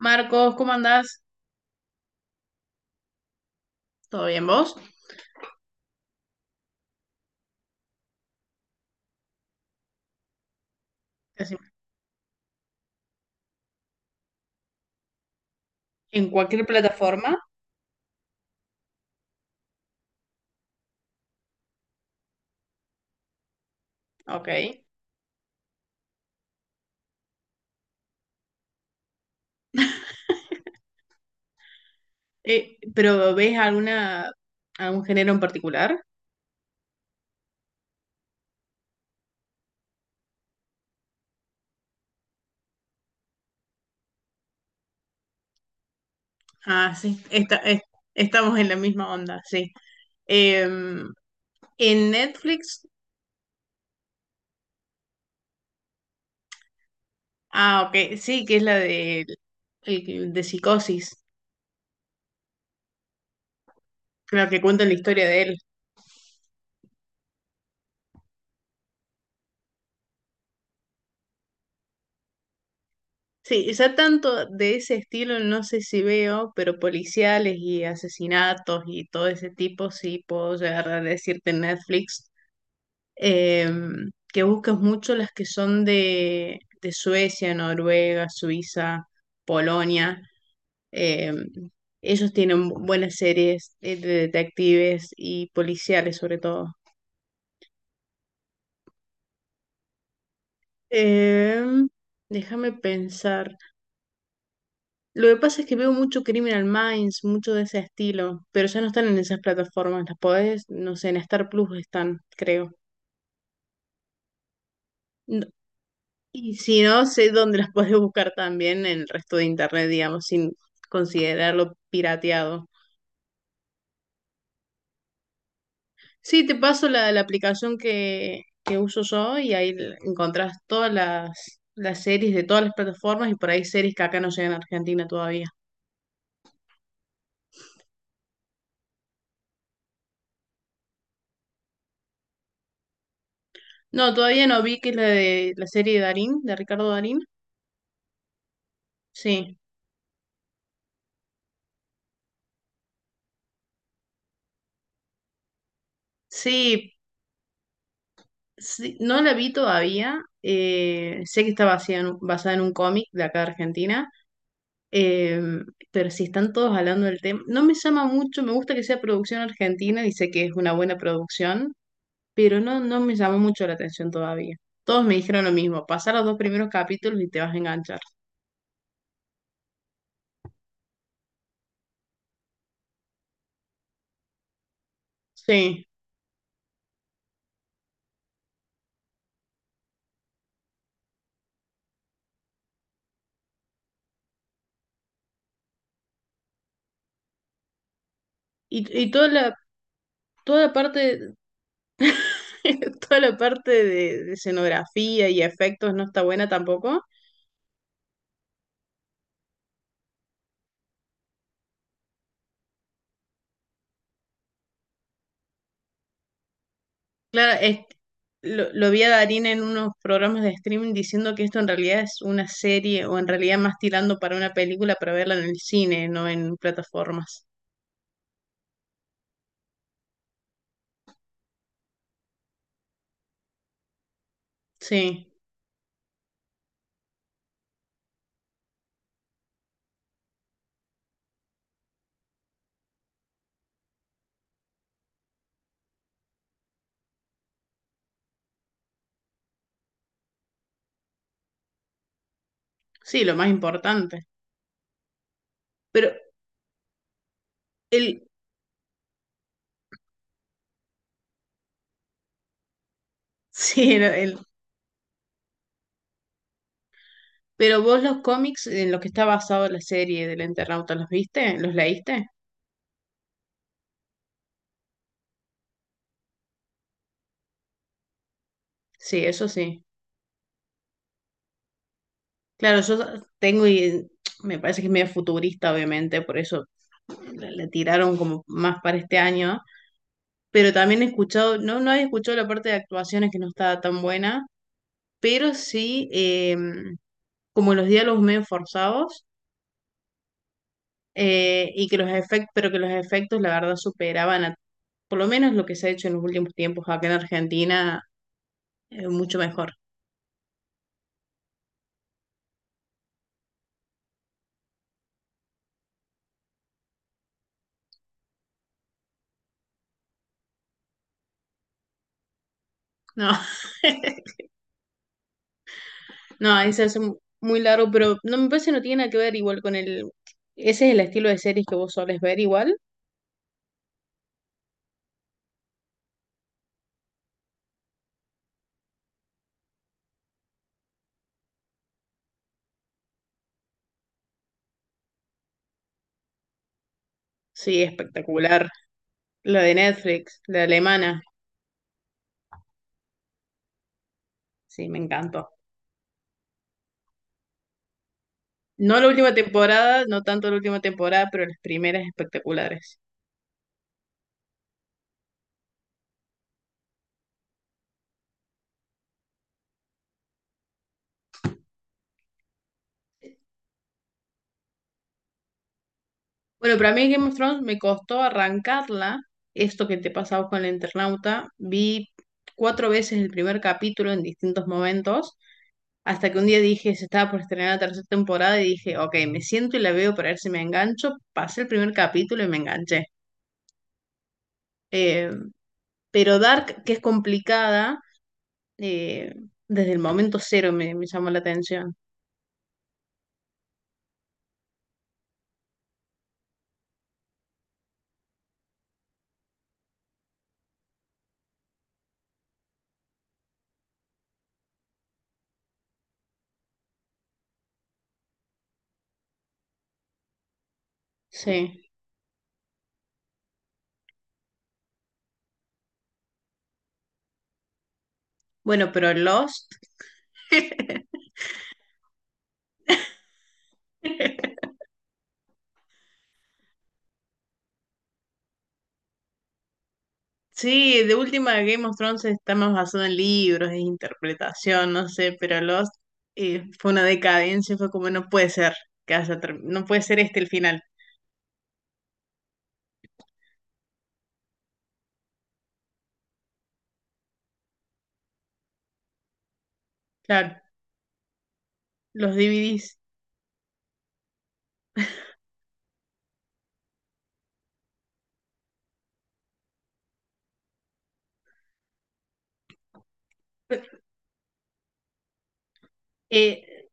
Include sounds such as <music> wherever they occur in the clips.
Marcos, ¿cómo andás? ¿Todo bien vos? Decime. En cualquier plataforma, ok. ¿Pero ves alguna, algún género en particular? Ah, sí, estamos en la misma onda, sí. Em, en Netflix, ah, ok, sí, que es la de, de Psicosis, la que cuenta la historia de él. Sí, ya tanto de ese estilo no sé si veo, pero policiales y asesinatos y todo ese tipo sí puedo llegar a decirte en Netflix. eh, que busques mucho las que son de Suecia, Noruega, Suiza, Polonia. eh, Ellos tienen buenas series de detectives y policiales sobre todo. Em, Déjame pensar. Lo que pasa es que veo mucho Criminal Minds, mucho de ese estilo, pero ya no están en esas plataformas. Las podés, no sé, en Star Plus están, creo. Y si no, sé dónde las puedes buscar también en el resto de internet, digamos, sin considerarlo pirateado. Sí, te paso la, la aplicación que uso yo y ahí encontrás todas las series de todas las plataformas y por ahí series que acá no llegan a Argentina todavía. No, todavía no vi que es la de la serie de Darín, de Ricardo Darín. Sí, sí, sí, no la vi todavía. Sé que está basada en, basada en un cómic de acá de Argentina. Em, pero si están todos hablando del tema, no me llama mucho, me gusta que sea producción argentina y sé que es una buena producción, pero no, no me llama mucho la atención todavía. Todos me dijeron lo mismo, pasá los dos primeros capítulos y te vas a enganchar. Sí, y toda la parte, <laughs> toda la parte de escenografía y efectos no está buena tampoco. Claro, lo vi a Darín en unos programas de streaming diciendo que esto en realidad es una serie o en realidad más tirando para una película para verla en el cine, no en plataformas. Sí, sí, lo más importante. Pero el, <laughs> sí, pero vos los cómics en los que está basado la serie del Eternauta, ¿los viste? ¿Los leíste? Sí, eso sí. Claro, yo tengo y me parece que es medio futurista, obviamente, por eso la, la tiraron como más para este año, pero también he escuchado, no, no he escuchado la parte de actuaciones que no estaba tan buena, pero sí como los diálogos medio forzados y que los efectos, pero que los efectos la verdad superaban a, por lo menos lo que se ha hecho en los últimos tiempos acá en Argentina, mucho mejor. No, <laughs> no, ahí se hace muy largo, pero no me parece que no tiene nada que ver igual con el... Ese es el estilo de series que vos solés ver igual. Sí, espectacular. La de Netflix, la alemana. Sí, me encantó. No la última temporada, no tanto la última temporada, pero las primeras espectaculares. Bueno, para mí Game of Thrones me costó arrancarla. Esto que te pasaba con el internauta, vi 4 veces el primer capítulo en distintos momentos, hasta que un día dije, se estaba por estrenar la tercera temporada y dije, ok, me siento y la veo para ver si me engancho. Pasé el primer capítulo y me enganché. Eh, pero Dark, que es complicada, eh, desde el momento cero me, me llamó la atención. Sí. Bueno, pero Lost. <laughs> Sí, de última Game of Thrones está más basado en libros, en interpretación, no sé, pero Lost fue una decadencia, fue como no puede ser que haya no puede ser este el final. Claro, los DVDs. eh,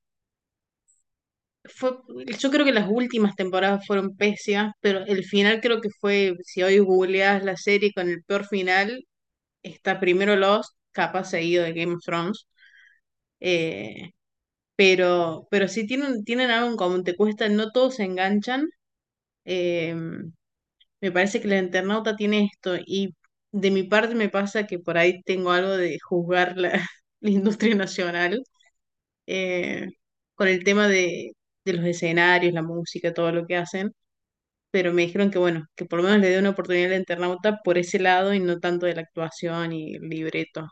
Fue, yo creo que las últimas temporadas fueron pésimas, pero el final creo que fue, si hoy googleas la serie con el peor final, está primero Lost, capaz seguido de Game of Thrones. eh, pero sí tienen, tienen algo en común, te cuesta, no todos se enganchan. eh, Me parece que el internauta tiene esto y de mi parte me pasa que por ahí tengo algo de juzgar la, <laughs> la industria nacional eh, con el tema de los escenarios, la música, todo lo que hacen, pero me dijeron que bueno, que por lo menos le dé una oportunidad al internauta por ese lado y no tanto de la actuación y el libreto.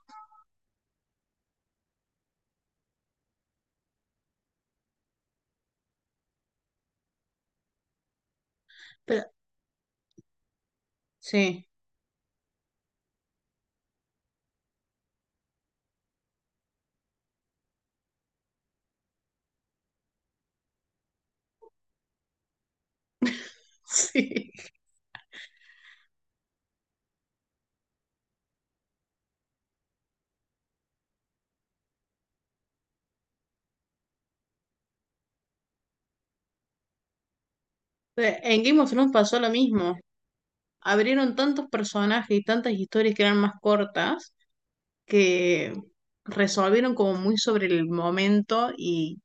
Pero, sí, <laughs> sí. En Game of Thrones pasó lo mismo. Abrieron tantos personajes y tantas historias que eran más cortas que resolvieron como muy sobre el momento y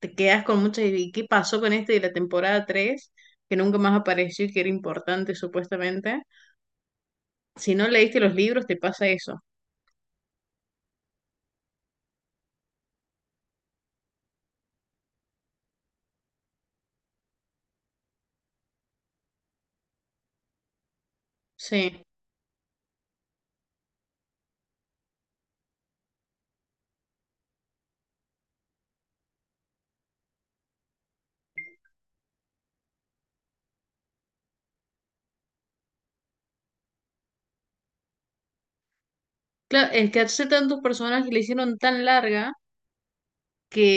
te quedas con muchas ideas. ¿Y qué pasó con este de la temporada 3 que nunca más apareció y que era importante supuestamente? Si no leíste los libros, te pasa eso. Sí. Claro, es que hace tantos personajes le hicieron tan larga que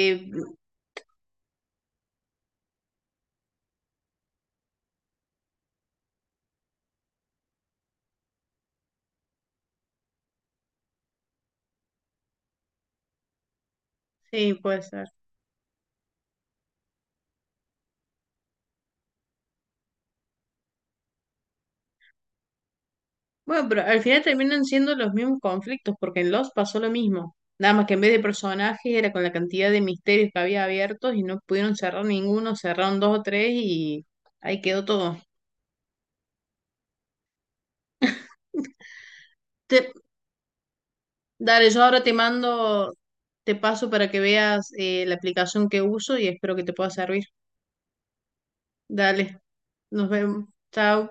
sí, pues bueno, pero al final terminan siendo los mismos conflictos, porque en Lost pasó lo mismo. Nada más que en vez de personajes era con la cantidad de misterios que había abiertos y no pudieron cerrar ninguno, cerraron dos o tres y ahí quedó todo. Te, dale, yo ahora te mando, te paso para que veas la aplicación que uso y espero que te pueda servir. Dale, nos vemos. Chao.